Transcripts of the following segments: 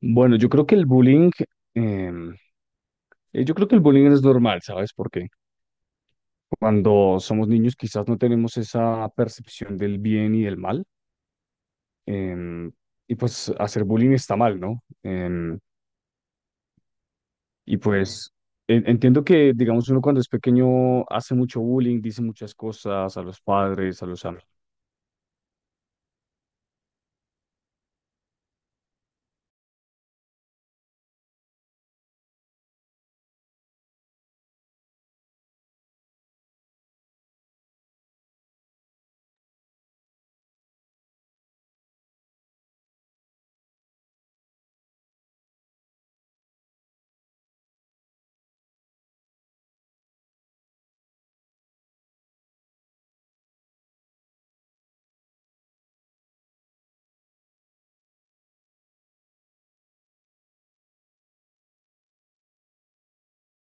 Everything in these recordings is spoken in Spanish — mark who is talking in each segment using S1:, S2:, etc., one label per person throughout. S1: Bueno, yo creo que el bullying, em, yo creo que el bullying es normal, ¿sabes por qué? Cuando somos niños quizás no tenemos esa percepción del bien y del mal, em, y pues hacer bullying está mal, ¿no? Y pues entiendo que, digamos, uno cuando es pequeño hace mucho bullying, dice muchas cosas a los padres, a los amigos.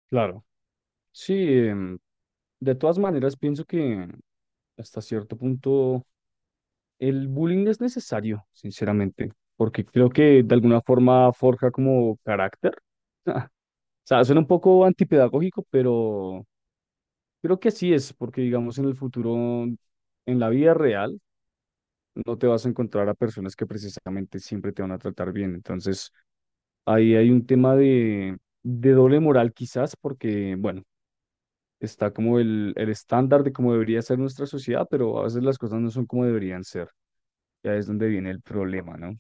S1: Claro, sí, em, de todas maneras pienso que hasta cierto punto. El bullying no es necesario, sinceramente, porque creo que de alguna forma forja como carácter. O sea, suena un poco antipedagógico, pero creo que así es, porque digamos en el futuro, en la vida real, no te vas a encontrar a personas que precisamente siempre te van a tratar bien. Entonces, ahí hay un tema de doble moral quizás, porque, bueno, está como el estándar de cómo debería ser nuestra sociedad, pero a veces las cosas no son como deberían ser. Ya es donde viene el problema, ¿no?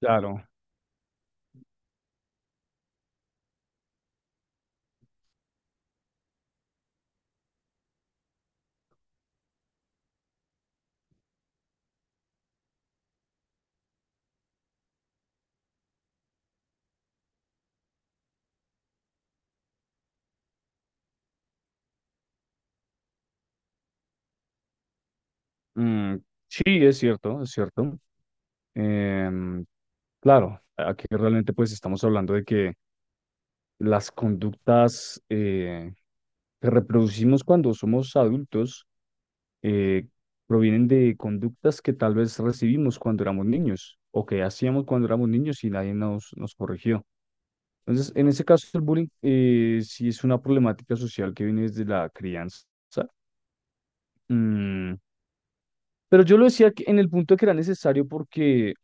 S1: Claro. Mm, sí, es cierto, es cierto. Em, claro, aquí realmente pues estamos hablando de que las conductas que reproducimos cuando somos adultos eh, provienen de conductas que tal vez recibimos cuando éramos niños o que hacíamos cuando éramos niños y nadie nos corrigió. Entonces, en ese caso, el bullying sí es una problemática social que viene desde la crianza. Mm, pero yo lo decía en el punto de que era necesario porque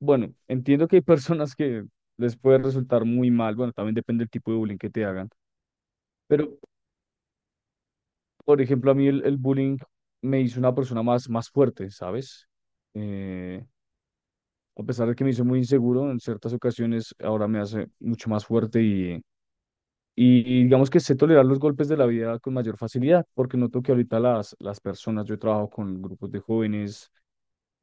S1: bueno, entiendo que hay personas que les puede resultar muy mal, bueno, también depende del tipo de bullying que te hagan, pero por ejemplo a mí el bullying me hizo una persona más fuerte, ¿sabes? Eh, a pesar de que me hizo muy inseguro, en ciertas ocasiones ahora me hace mucho más fuerte y digamos que sé tolerar los golpes de la vida con mayor facilidad, porque noto que ahorita las personas, yo trabajo con grupos de jóvenes.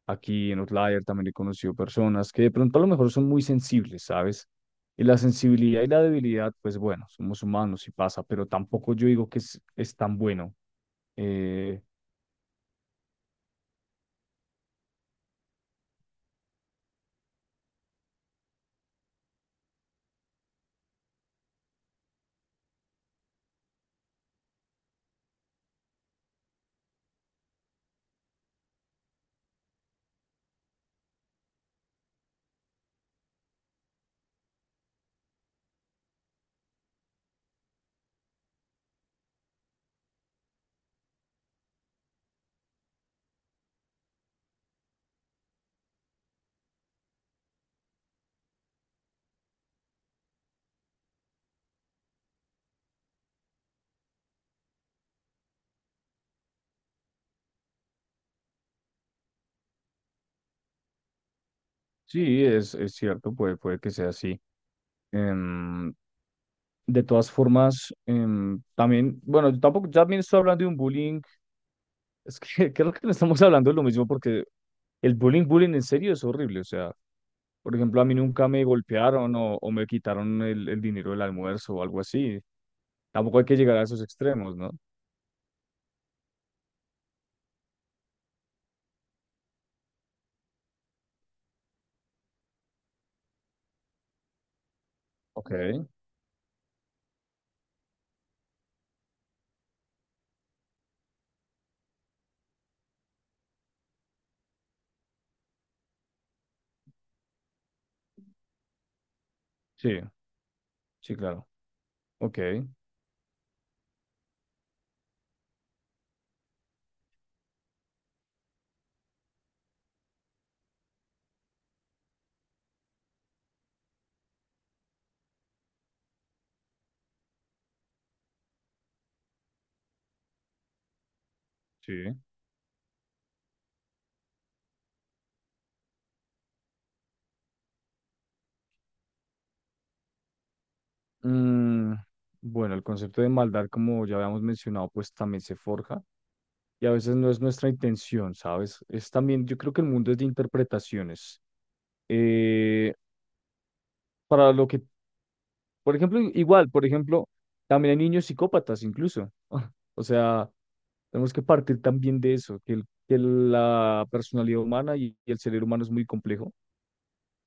S1: Aquí en Outlier también he conocido personas que de pronto a lo mejor son muy sensibles, ¿sabes? Y la sensibilidad y la debilidad, pues bueno, somos humanos y pasa, pero tampoco yo digo que es tan bueno. Eh, sí, es cierto, puede que sea así. Em, de todas formas, también, bueno, yo tampoco, ya también estoy hablando de un bullying, es que creo que no estamos hablando de lo mismo porque el bullying en serio es horrible, o sea, por ejemplo, a mí nunca me golpearon o me quitaron el dinero del almuerzo o algo así. Tampoco hay que llegar a esos extremos, ¿no? Ok, sí, sí, claro. Ok, sí. Mm, bueno, el concepto de maldad, como ya habíamos mencionado, pues también se forja y a veces no es nuestra intención, ¿sabes? Es también, yo creo que el mundo es de interpretaciones. Eh, para lo por ejemplo, igual, por ejemplo, también hay niños psicópatas incluso. O sea, tenemos que partir también de eso, que la personalidad humana y el cerebro humano es muy complejo.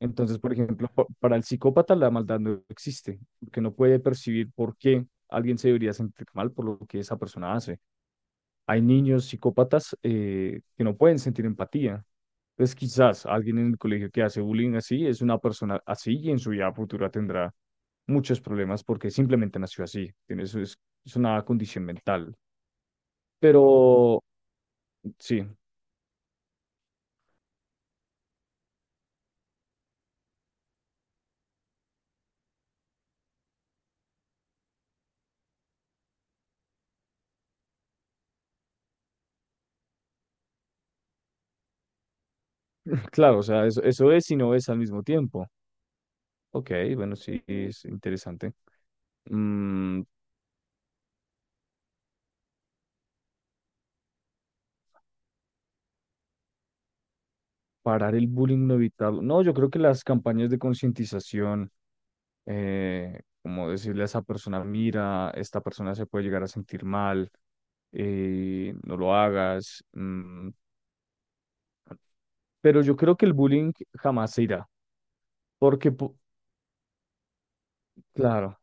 S1: Entonces, por ejemplo, para el psicópata la maldad no existe, porque no puede percibir por qué alguien se debería sentir mal por lo que esa persona hace. Hay niños psicópatas que no pueden sentir empatía. Entonces, quizás alguien en el colegio que hace bullying así es una persona así y en su vida futura tendrá muchos problemas porque simplemente nació así. Es una condición mental. Pero sí, claro, o sea, eso es y no es al mismo tiempo. Ok, bueno, sí, es interesante. Mm, parar el bullying no evitarlo. No, yo creo que las campañas de concientización, como decirle a esa persona, mira, esta persona se puede llegar a sentir mal, no lo hagas. Mm, pero yo creo que el bullying jamás se irá, porque, po- claro,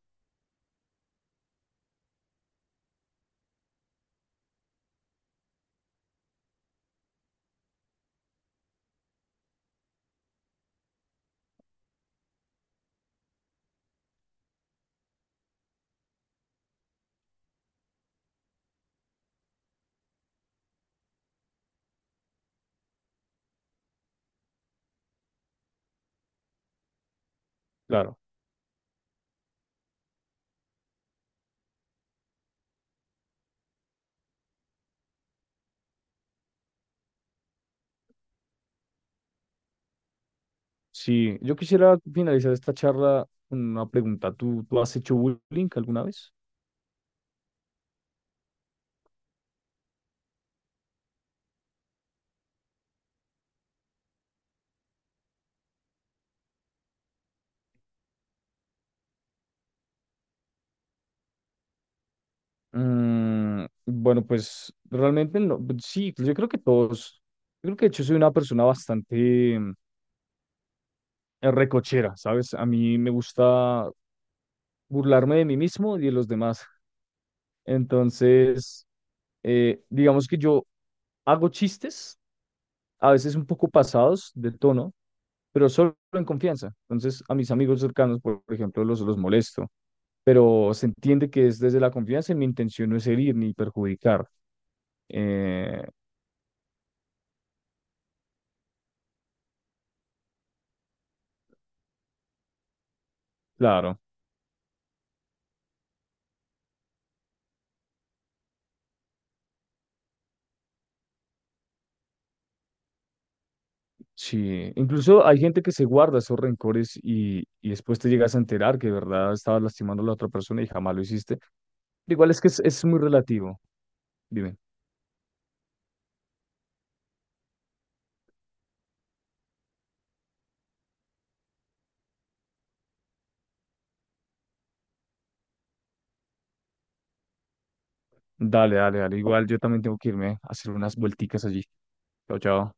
S1: claro. Sí, yo quisiera finalizar esta charla con una pregunta. ¿Tú, tú has hecho bullying alguna vez? Mm, bueno, pues realmente no, pues, sí, pues, yo creo que todos, yo creo que de hecho soy una persona bastante en recochera, ¿sabes? A mí me gusta burlarme de mí mismo y de los demás. Entonces, digamos que yo hago chistes, a veces un poco pasados de tono, pero solo en confianza. Entonces, a mis amigos cercanos, por ejemplo, los molesto, pero se entiende que es desde la confianza y mi intención no es herir ni perjudicar. Eh, claro. Sí, incluso hay gente que se guarda esos rencores y después te llegas a enterar que de verdad estabas lastimando a la otra persona y jamás lo hiciste. Igual es que es muy relativo. Dime. Dale, dale, dale. Igual yo también tengo que irme a hacer unas vuelticas allí. Chao, chao.